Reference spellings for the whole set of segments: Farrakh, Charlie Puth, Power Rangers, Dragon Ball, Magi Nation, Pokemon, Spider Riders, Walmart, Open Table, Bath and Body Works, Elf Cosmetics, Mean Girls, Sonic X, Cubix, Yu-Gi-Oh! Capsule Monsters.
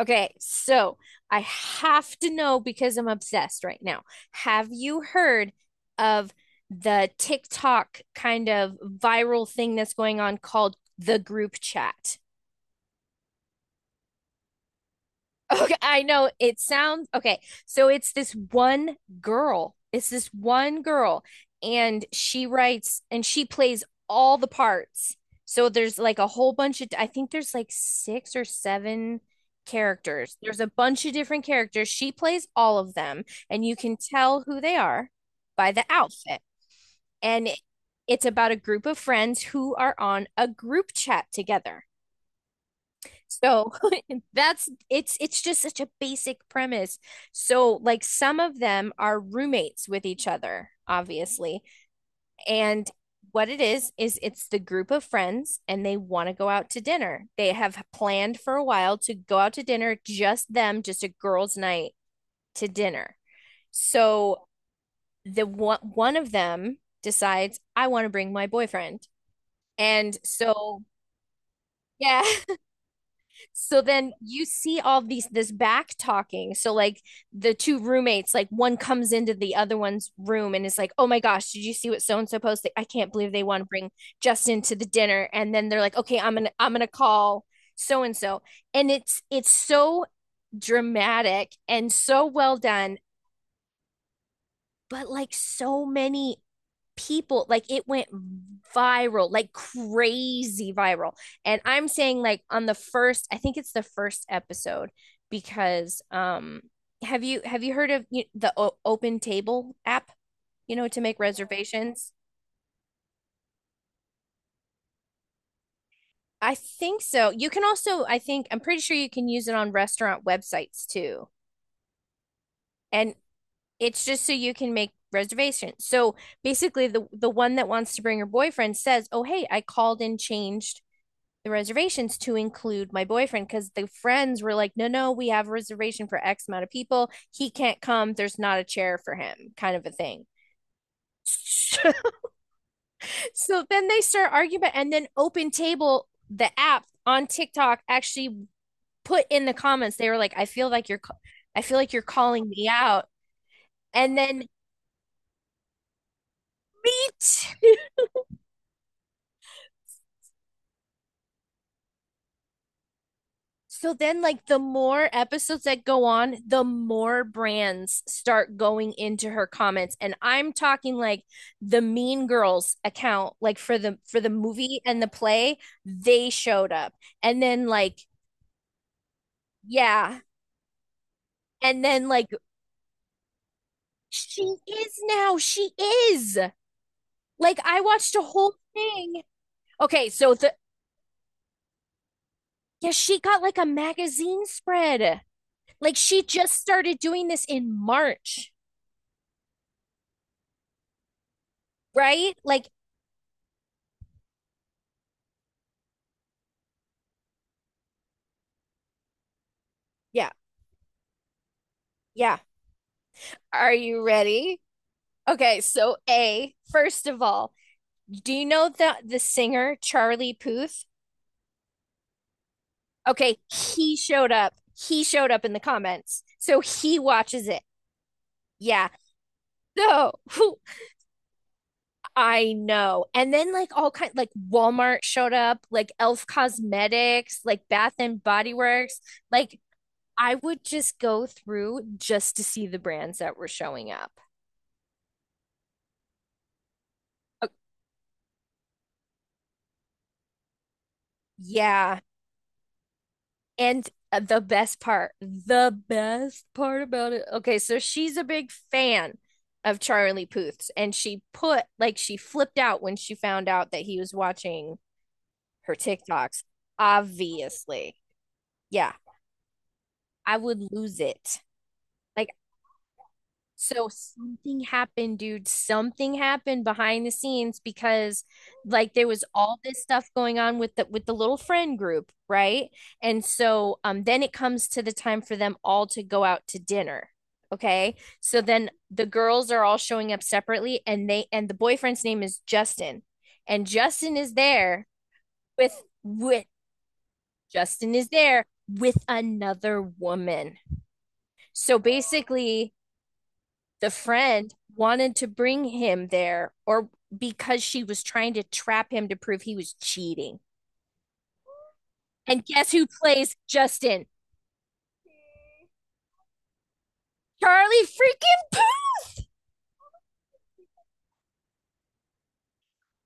Okay, so I have to know because I'm obsessed right now. Have you heard of the TikTok kind of viral thing that's going on called the group chat? Okay, I know it sounds okay. So it's this one girl. It's this one girl, and she writes and she plays all the parts. So there's like a whole bunch of, I think there's like six or seven characters. There's a bunch of different characters. She plays all of them, and you can tell who they are by the outfit. And it- it's about a group of friends who are on a group chat together. So that's it's just such a basic premise. So like some of them are roommates with each other, obviously. And what it is it's the group of friends and they want to go out to dinner. They have planned for a while to go out to dinner just them, just a girls' night to dinner. So the one one of them decides I want to bring my boyfriend. And so yeah, so then you see all these this back talking. So like the two roommates, like one comes into the other one's room and is like, "Oh my gosh, did you see what so and so posted? I can't believe they want to bring Justin to the dinner." And then they're like, "Okay, I'm gonna call so and so," and it's so dramatic and so well done, but like so many people like it went viral, like crazy viral. And I'm saying like on the first, I think it's the first episode, because have you heard of the Open Table app, you know, to make reservations. I think so. You can also, I think I'm pretty sure you can use it on restaurant websites too. And it's just so you can make reservations. So basically the one that wants to bring her boyfriend says, oh, hey, I called and changed the reservations to include my boyfriend, because the friends were like, no, no, we have a reservation for X amount of people. He can't come. There's not a chair for him, kind of a thing. So then they start and then Open Table, the app on TikTok, actually put in the comments, they were like, I feel like you're, I feel like you're calling me out. And then meet so then, like, the more episodes that go on, the more brands start going into her comments. And I'm talking like the Mean Girls account, like for the movie and the play, they showed up. And then like, yeah. And then like she is now, she is. Like I watched a whole thing. Okay, so the yeah, she got like a magazine spread. Like she just started doing this in March, right? Like, yeah, yeah. Are you ready? Okay, so A, first of all, do you know the singer Charlie Puth? Okay, he showed up. He showed up in the comments. So he watches it. Yeah. So whew, I know. And then like all kind like Walmart showed up, like Elf Cosmetics, like Bath and Body Works. Like I would just go through just to see the brands that were showing up. Uh, yeah. And the best part about it. Okay, so she's a big fan of Charlie Puth's, and she put like she flipped out when she found out that he was watching her TikToks. Obviously, yeah, I would lose it. Like so something happened, dude. Something happened behind the scenes because like there was all this stuff going on with the little friend group, right? And so then it comes to the time for them all to go out to dinner. Okay. So then the girls are all showing up separately and they and the boyfriend's name is Justin. And Justin is there with Justin is there with another woman. So basically the friend wanted to bring him there or because she was trying to trap him to prove he was cheating. And guess who plays Justin? Charlie freaking Puth!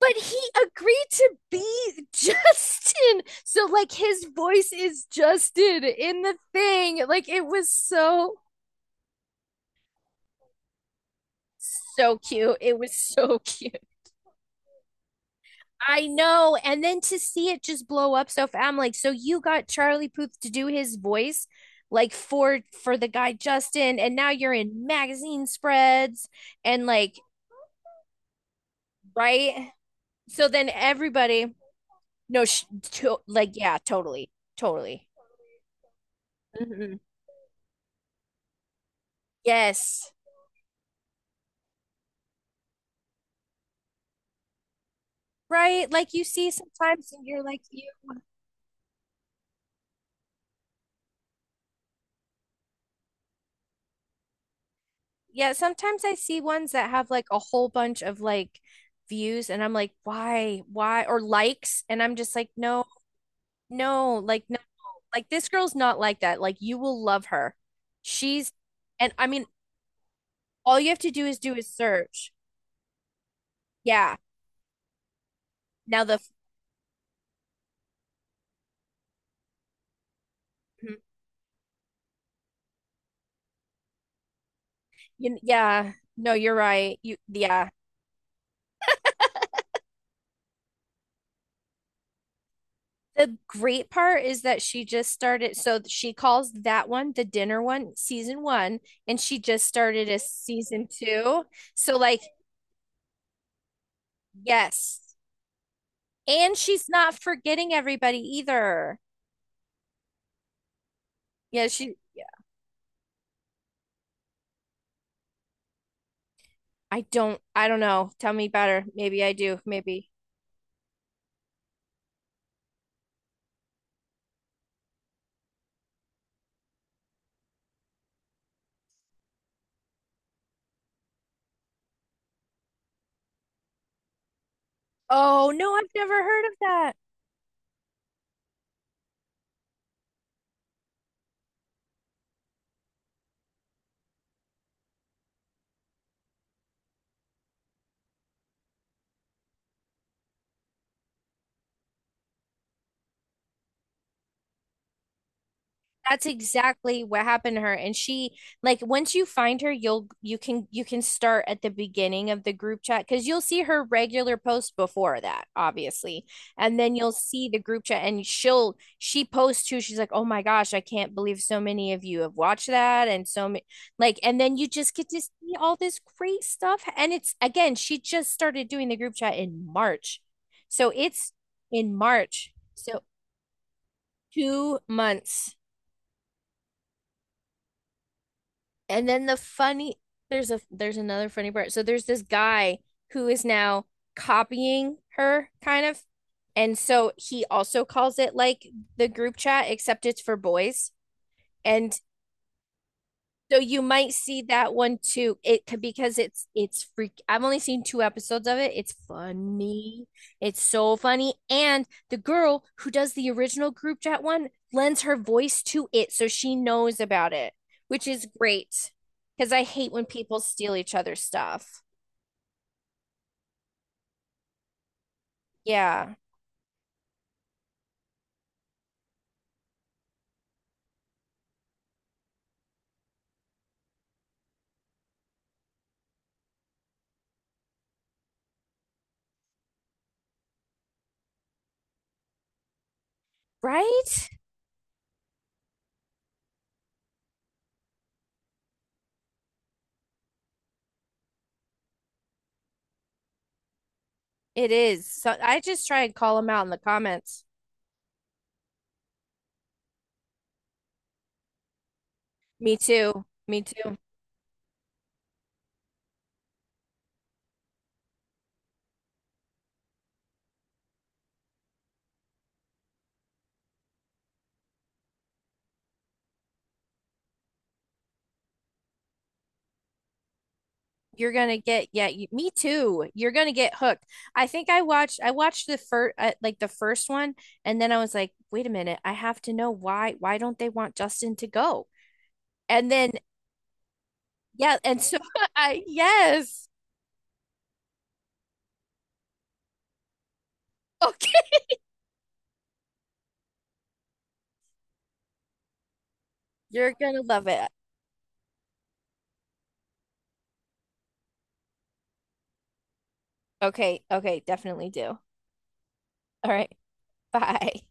But he agreed to be Justin. So like his voice is Justin in the thing. Like it was so so cute. It was so cute. I know. And then to see it just blow up so fast, I'm like, so you got Charlie Puth to do his voice like for the guy Justin, and now you're in magazine spreads and like right? So then everybody no sh- to, like yeah, totally. Totally. Mhm. Yes. Right? Like you see sometimes and you're like you yeah, sometimes I see ones that have like a whole bunch of like views and I'm like, why? Why? Or likes and I'm just like, no, no, like no, like this girl's not like that. Like you will love her. She's and I mean all you have to do is search. Yeah. Now the mhm. You, yeah, no, you're right. You yeah. The great part is that she just started, so she calls that one, the dinner one, season 1, and she just started a season 2. So like yes. And she's not forgetting everybody either. Yeah, she yeah, I don't know. Tell me better. Maybe I do. Maybe oh, no, I've never heard of that. That's exactly what happened to her. And she like once you find her, you'll you can start at the beginning of the group chat because you'll see her regular post before that, obviously. And then you'll see the group chat and she posts too. She's like, "Oh my gosh, I can't believe so many of you have watched that and so many like and then you just get to see all this great stuff. And it's again, she just started doing the group chat in March. So it's in March. So 2 months. And then the funny there's another funny part. So there's this guy who is now copying her kind of. And so he also calls it like the group chat, except it's for boys. And so you might see that one too. It could because it's freak. I've only seen two episodes of it. It's funny. It's so funny. And the girl who does the original group chat one lends her voice to it, so she knows about it, which is great. Because I hate when people steal each other's stuff. Yeah, right? It is. So I just try and call them out in the comments. Me too. Me too. You're gonna get yeah you, me too, you're gonna get hooked. I think I watched the first like the first one, and then I was like, wait a minute, I have to know why don't they want Justin to go. And then yeah, and so I yes. Okay, you're gonna love it. Okay, okay, definitely do. All right, bye.